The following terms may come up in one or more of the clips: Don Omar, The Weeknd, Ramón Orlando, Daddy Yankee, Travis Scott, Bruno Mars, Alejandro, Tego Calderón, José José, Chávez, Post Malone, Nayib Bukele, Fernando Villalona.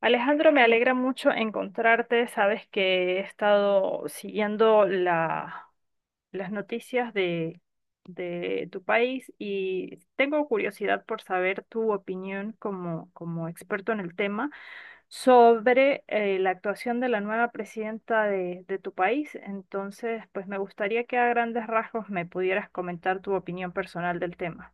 Alejandro, me alegra mucho encontrarte. Sabes que he estado siguiendo las noticias de tu país y tengo curiosidad por saber tu opinión como experto en el tema sobre la actuación de la nueva presidenta de tu país. Entonces, pues me gustaría que a grandes rasgos me pudieras comentar tu opinión personal del tema.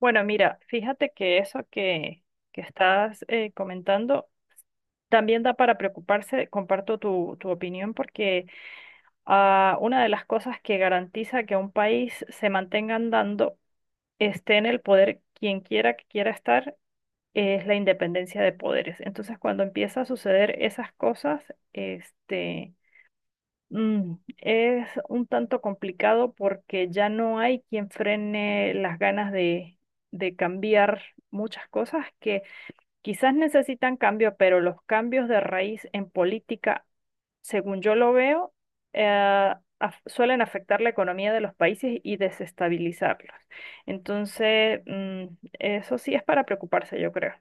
Bueno, mira, fíjate que que estás comentando. También da para preocuparse, comparto tu opinión, porque una de las cosas que garantiza que un país se mantenga andando, esté en el poder quien quiera que quiera estar, es la independencia de poderes. Entonces, cuando empieza a suceder esas cosas, este, es un tanto complicado porque ya no hay quien frene las ganas de cambiar muchas cosas que... Quizás necesitan cambio, pero los cambios de raíz en política según yo lo veo, eh, suelen afectar la economía de los países y desestabilizarlos. Entonces, eso sí es para preocuparse, yo creo.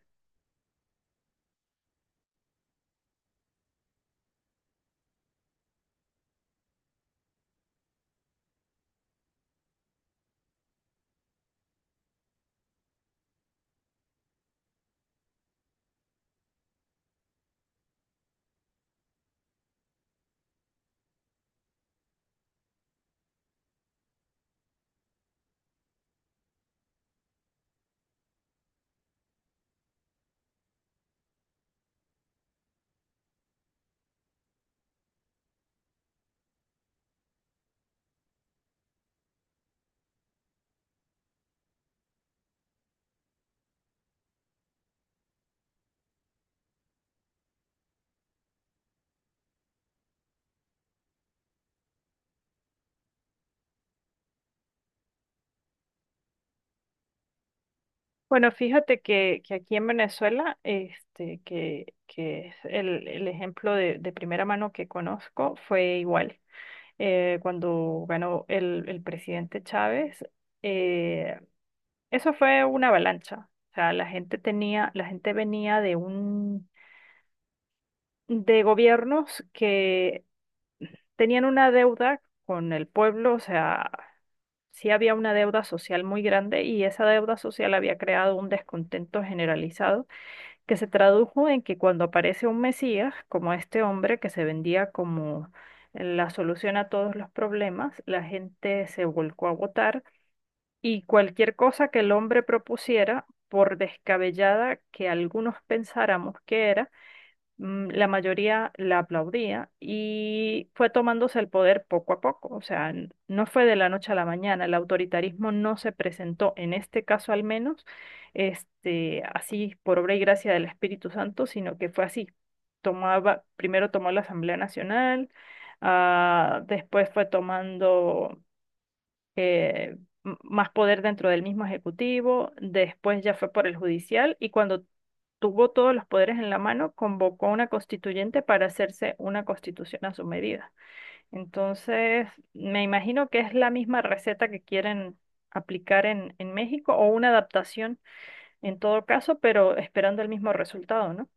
Bueno, fíjate que aquí en Venezuela, que es el ejemplo de primera mano que conozco, fue igual. Cuando ganó el presidente Chávez, eh, eso fue una avalancha. O sea, la gente tenía, la gente venía de un de gobiernos que tenían una deuda con el pueblo, o sea, sí había una deuda social muy grande y esa deuda social había creado un descontento generalizado que se tradujo en que cuando aparece un Mesías, como este hombre que se vendía como la solución a todos los problemas, la gente se volcó a votar y cualquier cosa que el hombre propusiera, por descabellada que algunos pensáramos que era, la mayoría la aplaudía y fue tomándose el poder poco a poco. O sea, no fue de la noche a la mañana. El autoritarismo no se presentó, en este caso al menos, así por obra y gracia del Espíritu Santo, sino que fue así. Tomaba, primero tomó la Asamblea Nacional, después fue tomando eh, más poder dentro del mismo ejecutivo, después ya fue por el judicial y cuando tuvo todos los poderes en la mano, convocó a una constituyente para hacerse una constitución a su medida. Entonces, me imagino que es la misma receta que quieren aplicar en México o una adaptación en todo caso, pero esperando el mismo resultado, ¿no?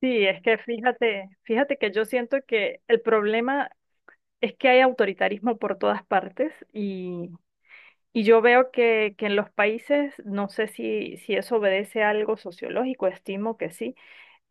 Sí, es que fíjate, fíjate que yo siento que el problema es que hay autoritarismo por todas partes y yo veo que en los países, no sé si eso obedece a algo sociológico, estimo que sí,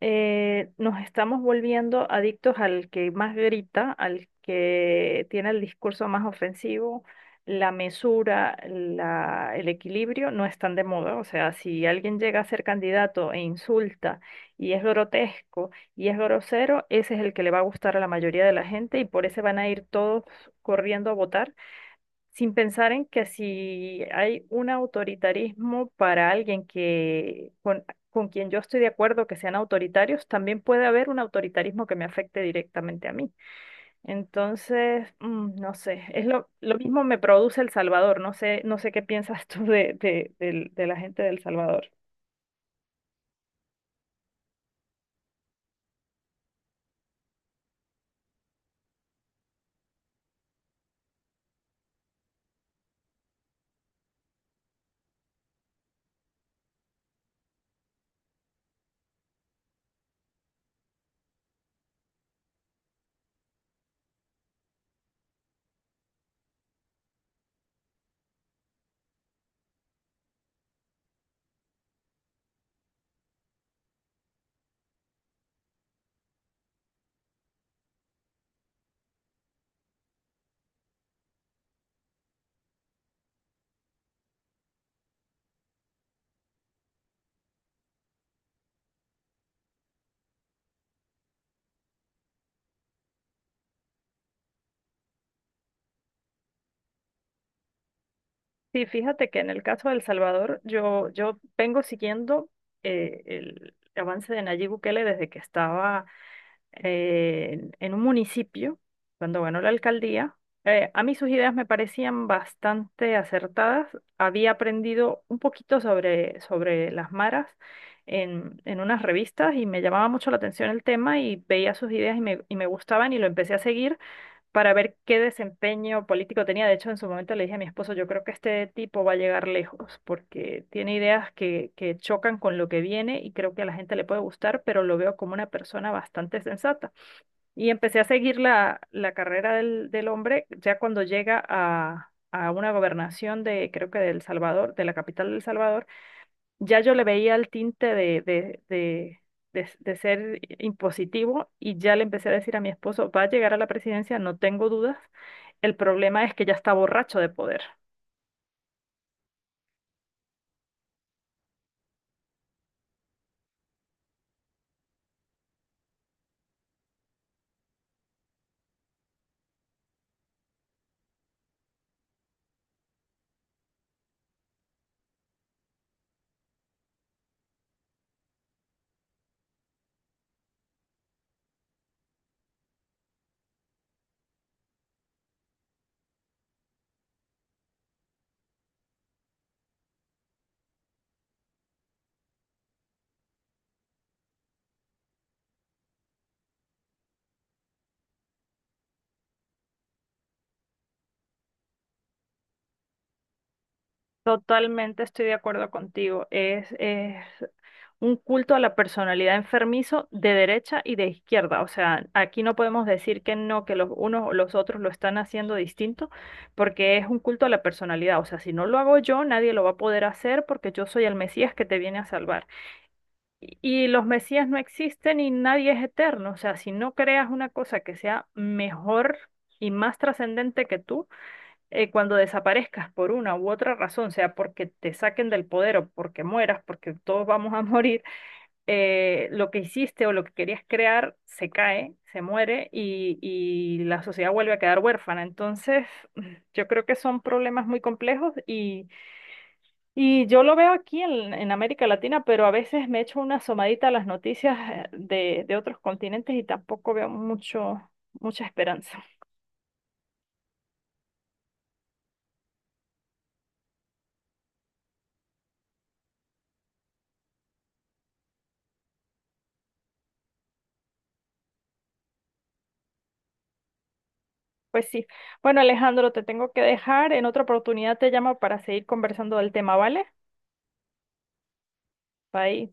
nos estamos volviendo adictos al que más grita, al que tiene el discurso más ofensivo, la mesura, el equilibrio no están de moda. O sea, si alguien llega a ser candidato e insulta y es grotesco y es grosero, ese es el que le va a gustar a la mayoría de la gente y por ese van a ir todos corriendo a votar sin pensar en que si hay un autoritarismo para alguien con quien yo estoy de acuerdo que sean autoritarios, también puede haber un autoritarismo que me afecte directamente a mí. Entonces, no sé, es lo mismo me produce El Salvador, no sé, no sé qué piensas tú de la gente de El Salvador. Sí, fíjate que en el caso de El Salvador, yo vengo siguiendo el avance de Nayib Bukele desde que estaba en un municipio, cuando ganó la alcaldía, a mí sus ideas me parecían bastante acertadas. Había aprendido un poquito sobre las maras en unas revistas y me llamaba mucho la atención el tema y veía sus ideas y y me gustaban y lo empecé a seguir para ver qué desempeño político tenía. De hecho, en su momento le dije a mi esposo, yo creo que este tipo va a llegar lejos porque tiene ideas que chocan con lo que viene y creo que a la gente le puede gustar, pero lo veo como una persona bastante sensata. Y empecé a seguir la carrera del hombre ya cuando llega a una gobernación de, creo que de El Salvador, de la capital de El Salvador, ya yo le veía el tinte de ser impositivo y ya le empecé a decir a mi esposo, va a llegar a la presidencia, no tengo dudas, el problema es que ya está borracho de poder. Totalmente estoy de acuerdo contigo. Es un culto a la personalidad enfermizo de derecha y de izquierda. O sea, aquí no podemos decir que no, que los unos o los otros lo están haciendo distinto, porque es un culto a la personalidad. O sea, si no lo hago yo, nadie lo va a poder hacer porque yo soy el Mesías que te viene a salvar. Y los Mesías no existen y nadie es eterno. O sea, si no creas una cosa que sea mejor y más trascendente que tú, cuando desaparezcas por una u otra razón, sea porque te saquen del poder o porque mueras, porque todos vamos a morir, lo que hiciste o lo que querías crear se cae, se muere y la sociedad vuelve a quedar huérfana. Entonces, yo creo que son problemas muy complejos y yo lo veo aquí en América Latina, pero a veces me echo una asomadita a las noticias de otros continentes y tampoco veo mucho, mucha esperanza. Pues sí. Bueno, Alejandro, te tengo que dejar. En otra oportunidad te llamo para seguir conversando del tema, ¿vale? Bye.